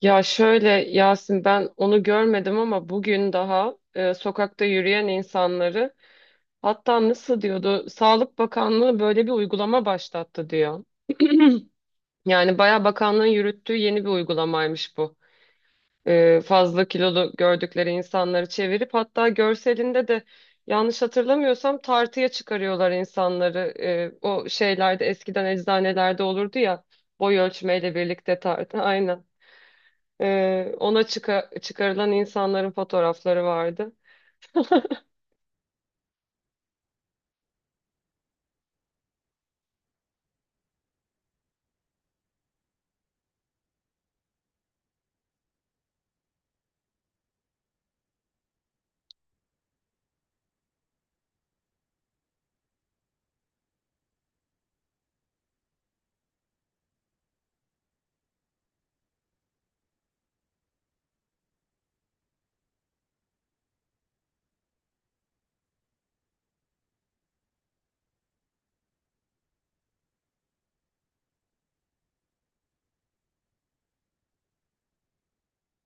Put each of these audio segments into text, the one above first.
Ya şöyle Yasin, ben onu görmedim ama bugün daha sokakta yürüyen insanları, hatta nasıl diyordu, Sağlık Bakanlığı böyle bir uygulama başlattı diyor. Yani bayağı bakanlığın yürüttüğü yeni bir uygulamaymış bu. Fazla kilolu gördükleri insanları çevirip, hatta görselinde de yanlış hatırlamıyorsam tartıya çıkarıyorlar insanları. O şeylerde eskiden eczanelerde olurdu ya, boy ölçmeyle birlikte tartı. Aynen. Ona çıkarılan insanların fotoğrafları vardı.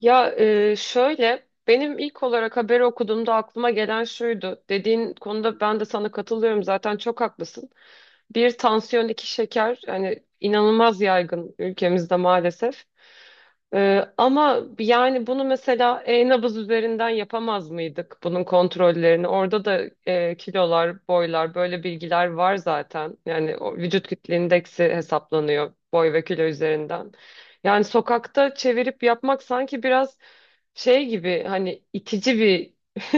Ya, şöyle, benim ilk olarak haberi okuduğumda aklıma gelen şuydu. Dediğin konuda ben de sana katılıyorum, zaten çok haklısın. Bir tansiyon, iki şeker, yani inanılmaz yaygın ülkemizde maalesef. Ama yani bunu mesela e-nabız üzerinden yapamaz mıydık, bunun kontrollerini? Orada da kilolar, boylar, böyle bilgiler var zaten. Yani o vücut kitle indeksi hesaplanıyor boy ve kilo üzerinden. Yani sokakta çevirip yapmak sanki biraz şey gibi, hani itici bir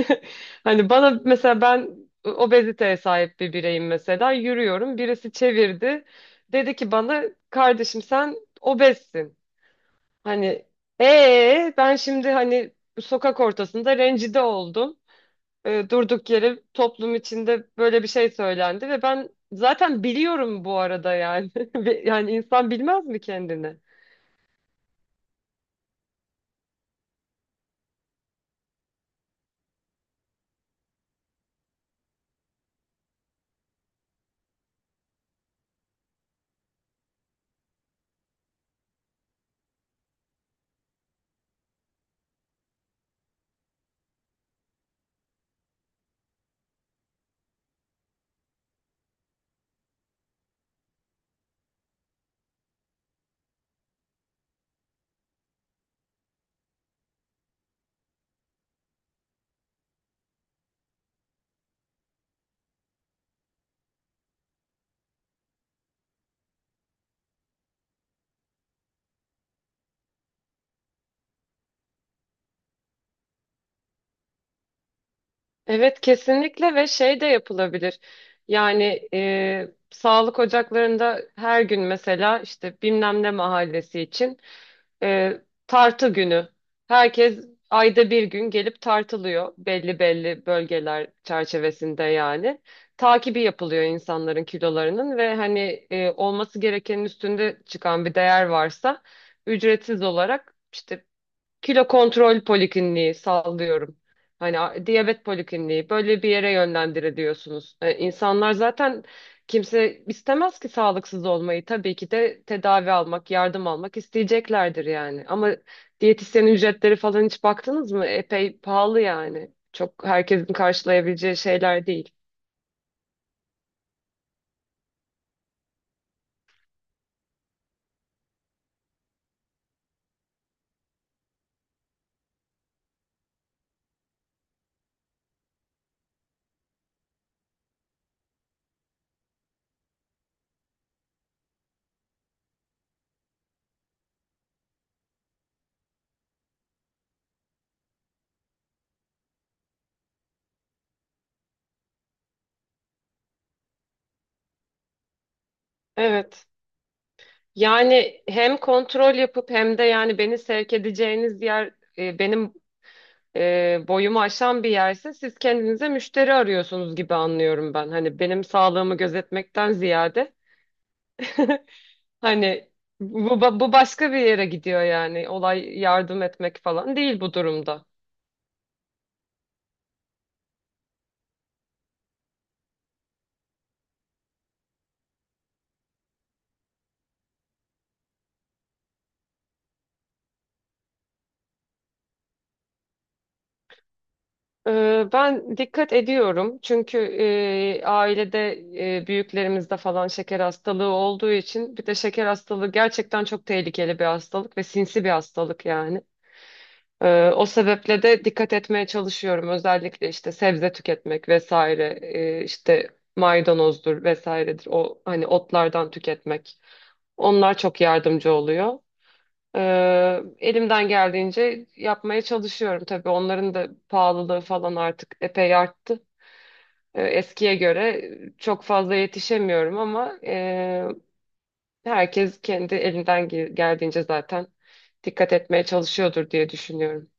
hani bana mesela, ben obeziteye sahip bir bireyim mesela, yürüyorum, birisi çevirdi, dedi ki bana, kardeşim sen obezsin, hani ben şimdi hani sokak ortasında rencide oldum. Durduk yere toplum içinde böyle bir şey söylendi ve ben zaten biliyorum bu arada yani. Yani insan bilmez mi kendini? Evet, kesinlikle, ve şey de yapılabilir. Yani sağlık ocaklarında her gün mesela işte bilmem ne mahallesi için e, tartı günü. Herkes ayda bir gün gelip tartılıyor belli belli bölgeler çerçevesinde yani. Takibi yapılıyor insanların kilolarının ve hani olması gerekenin üstünde çıkan bir değer varsa, ücretsiz olarak işte kilo kontrol polikliniği, sallıyorum. Hani diyabet polikliniği, böyle bir yere yönlendiriliyorsunuz. İnsanlar zaten, kimse istemez ki sağlıksız olmayı. Tabii ki de tedavi almak, yardım almak isteyeceklerdir yani. Ama diyetisyen ücretleri falan hiç baktınız mı? Epey pahalı yani. Çok herkesin karşılayabileceği şeyler değil. Evet. Yani hem kontrol yapıp hem de yani beni sevk edeceğiniz yer benim boyumu aşan bir yerse, siz kendinize müşteri arıyorsunuz gibi anlıyorum ben. Hani benim sağlığımı gözetmekten ziyade hani bu başka bir yere gidiyor yani. Olay yardım etmek falan değil bu durumda. Ben dikkat ediyorum çünkü ailede büyüklerimizde falan şeker hastalığı olduğu için, bir de şeker hastalığı gerçekten çok tehlikeli bir hastalık ve sinsi bir hastalık yani. O sebeple de dikkat etmeye çalışıyorum, özellikle işte sebze tüketmek vesaire, işte maydanozdur vesairedir, o hani otlardan tüketmek, onlar çok yardımcı oluyor. Elimden geldiğince yapmaya çalışıyorum, tabii onların da pahalılığı falan artık epey arttı. Eskiye göre çok fazla yetişemiyorum ama herkes kendi elinden geldiğince zaten dikkat etmeye çalışıyordur diye düşünüyorum.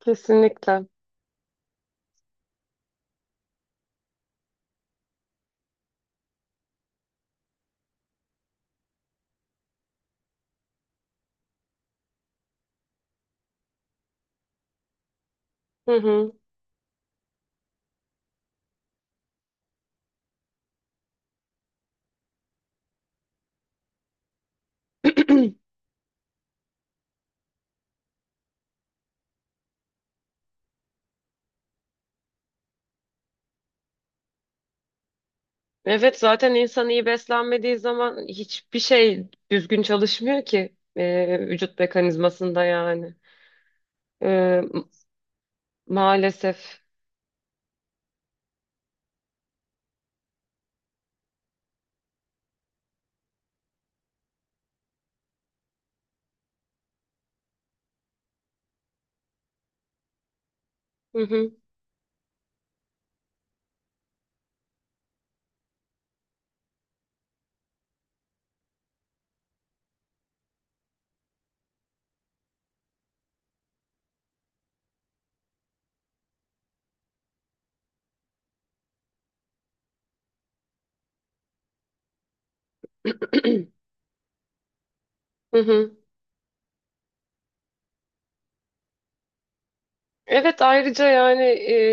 Kesinlikle. Hı hı. Evet, zaten insan iyi beslenmediği zaman hiçbir şey düzgün çalışmıyor ki vücut mekanizmasında yani. Ee, Maalesef. Hı hı. Hı hı. Evet, ayrıca yani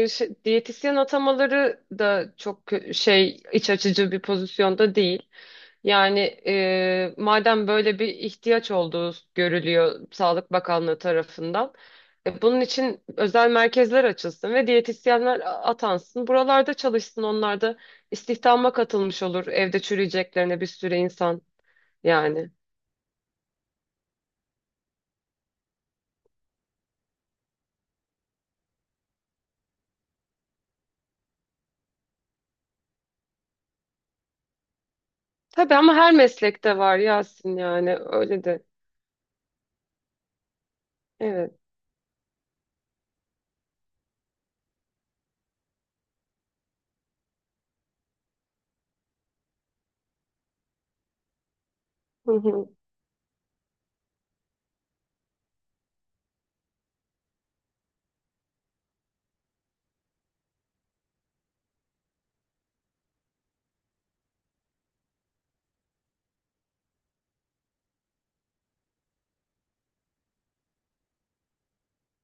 diyetisyen atamaları da çok iç açıcı bir pozisyonda değil. Yani madem böyle bir ihtiyaç olduğu görülüyor Sağlık Bakanlığı tarafından, bunun için özel merkezler açılsın ve diyetisyenler atansın. Buralarda çalışsın, onlar da istihdama katılmış olur evde çürüyeceklerine, bir sürü insan yani. Tabii, ama her meslekte var Yasin, yani öyle de. Evet. Hı hı.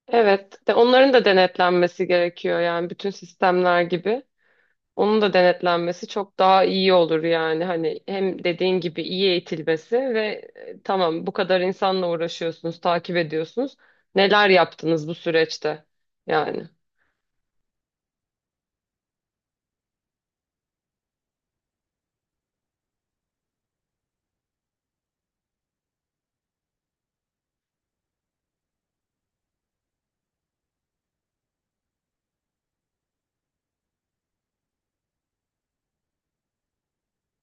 Evet. De onların da denetlenmesi gerekiyor yani, bütün sistemler gibi. Onun da denetlenmesi çok daha iyi olur yani. Hani hem dediğin gibi iyi eğitilmesi ve tamam, bu kadar insanla uğraşıyorsunuz, takip ediyorsunuz. Neler yaptınız bu süreçte? Yani.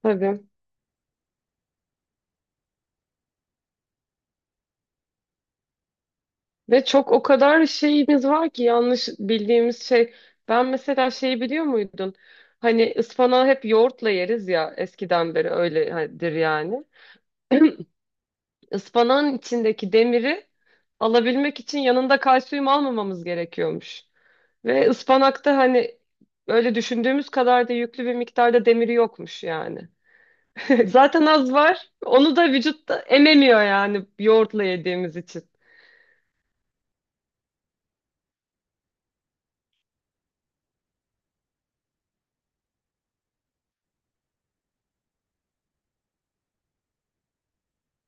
Tabii. Ve çok, o kadar şeyimiz var ki yanlış bildiğimiz, şey, ben mesela şeyi biliyor muydun? Hani ıspanağı hep yoğurtla yeriz ya, eskiden beri öyledir yani. Ispanağın içindeki demiri alabilmek için yanında kalsiyum almamamız gerekiyormuş. Ve ıspanakta hani öyle düşündüğümüz kadar da yüklü bir miktarda demiri yokmuş yani. Zaten az var. Onu da vücut da ememiyor yani, yoğurtla yediğimiz için.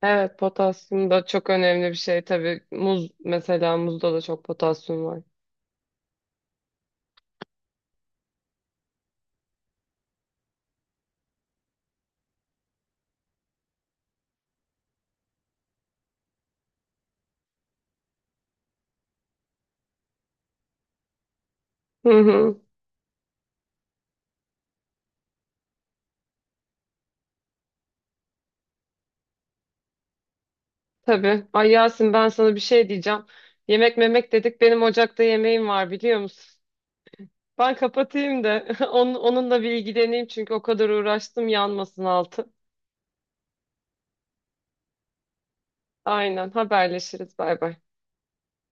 Evet, potasyum da çok önemli bir şey tabii. Muz, mesela muzda da çok potasyum var. Hı hı, tabii. Ay Yasin, ben sana bir şey diyeceğim. Yemek memek dedik. Benim ocakta yemeğim var biliyor musun? Ben kapatayım da onunla bir ilgileneyim, çünkü o kadar uğraştım, yanmasın altı. Aynen, haberleşiriz. Bay bay.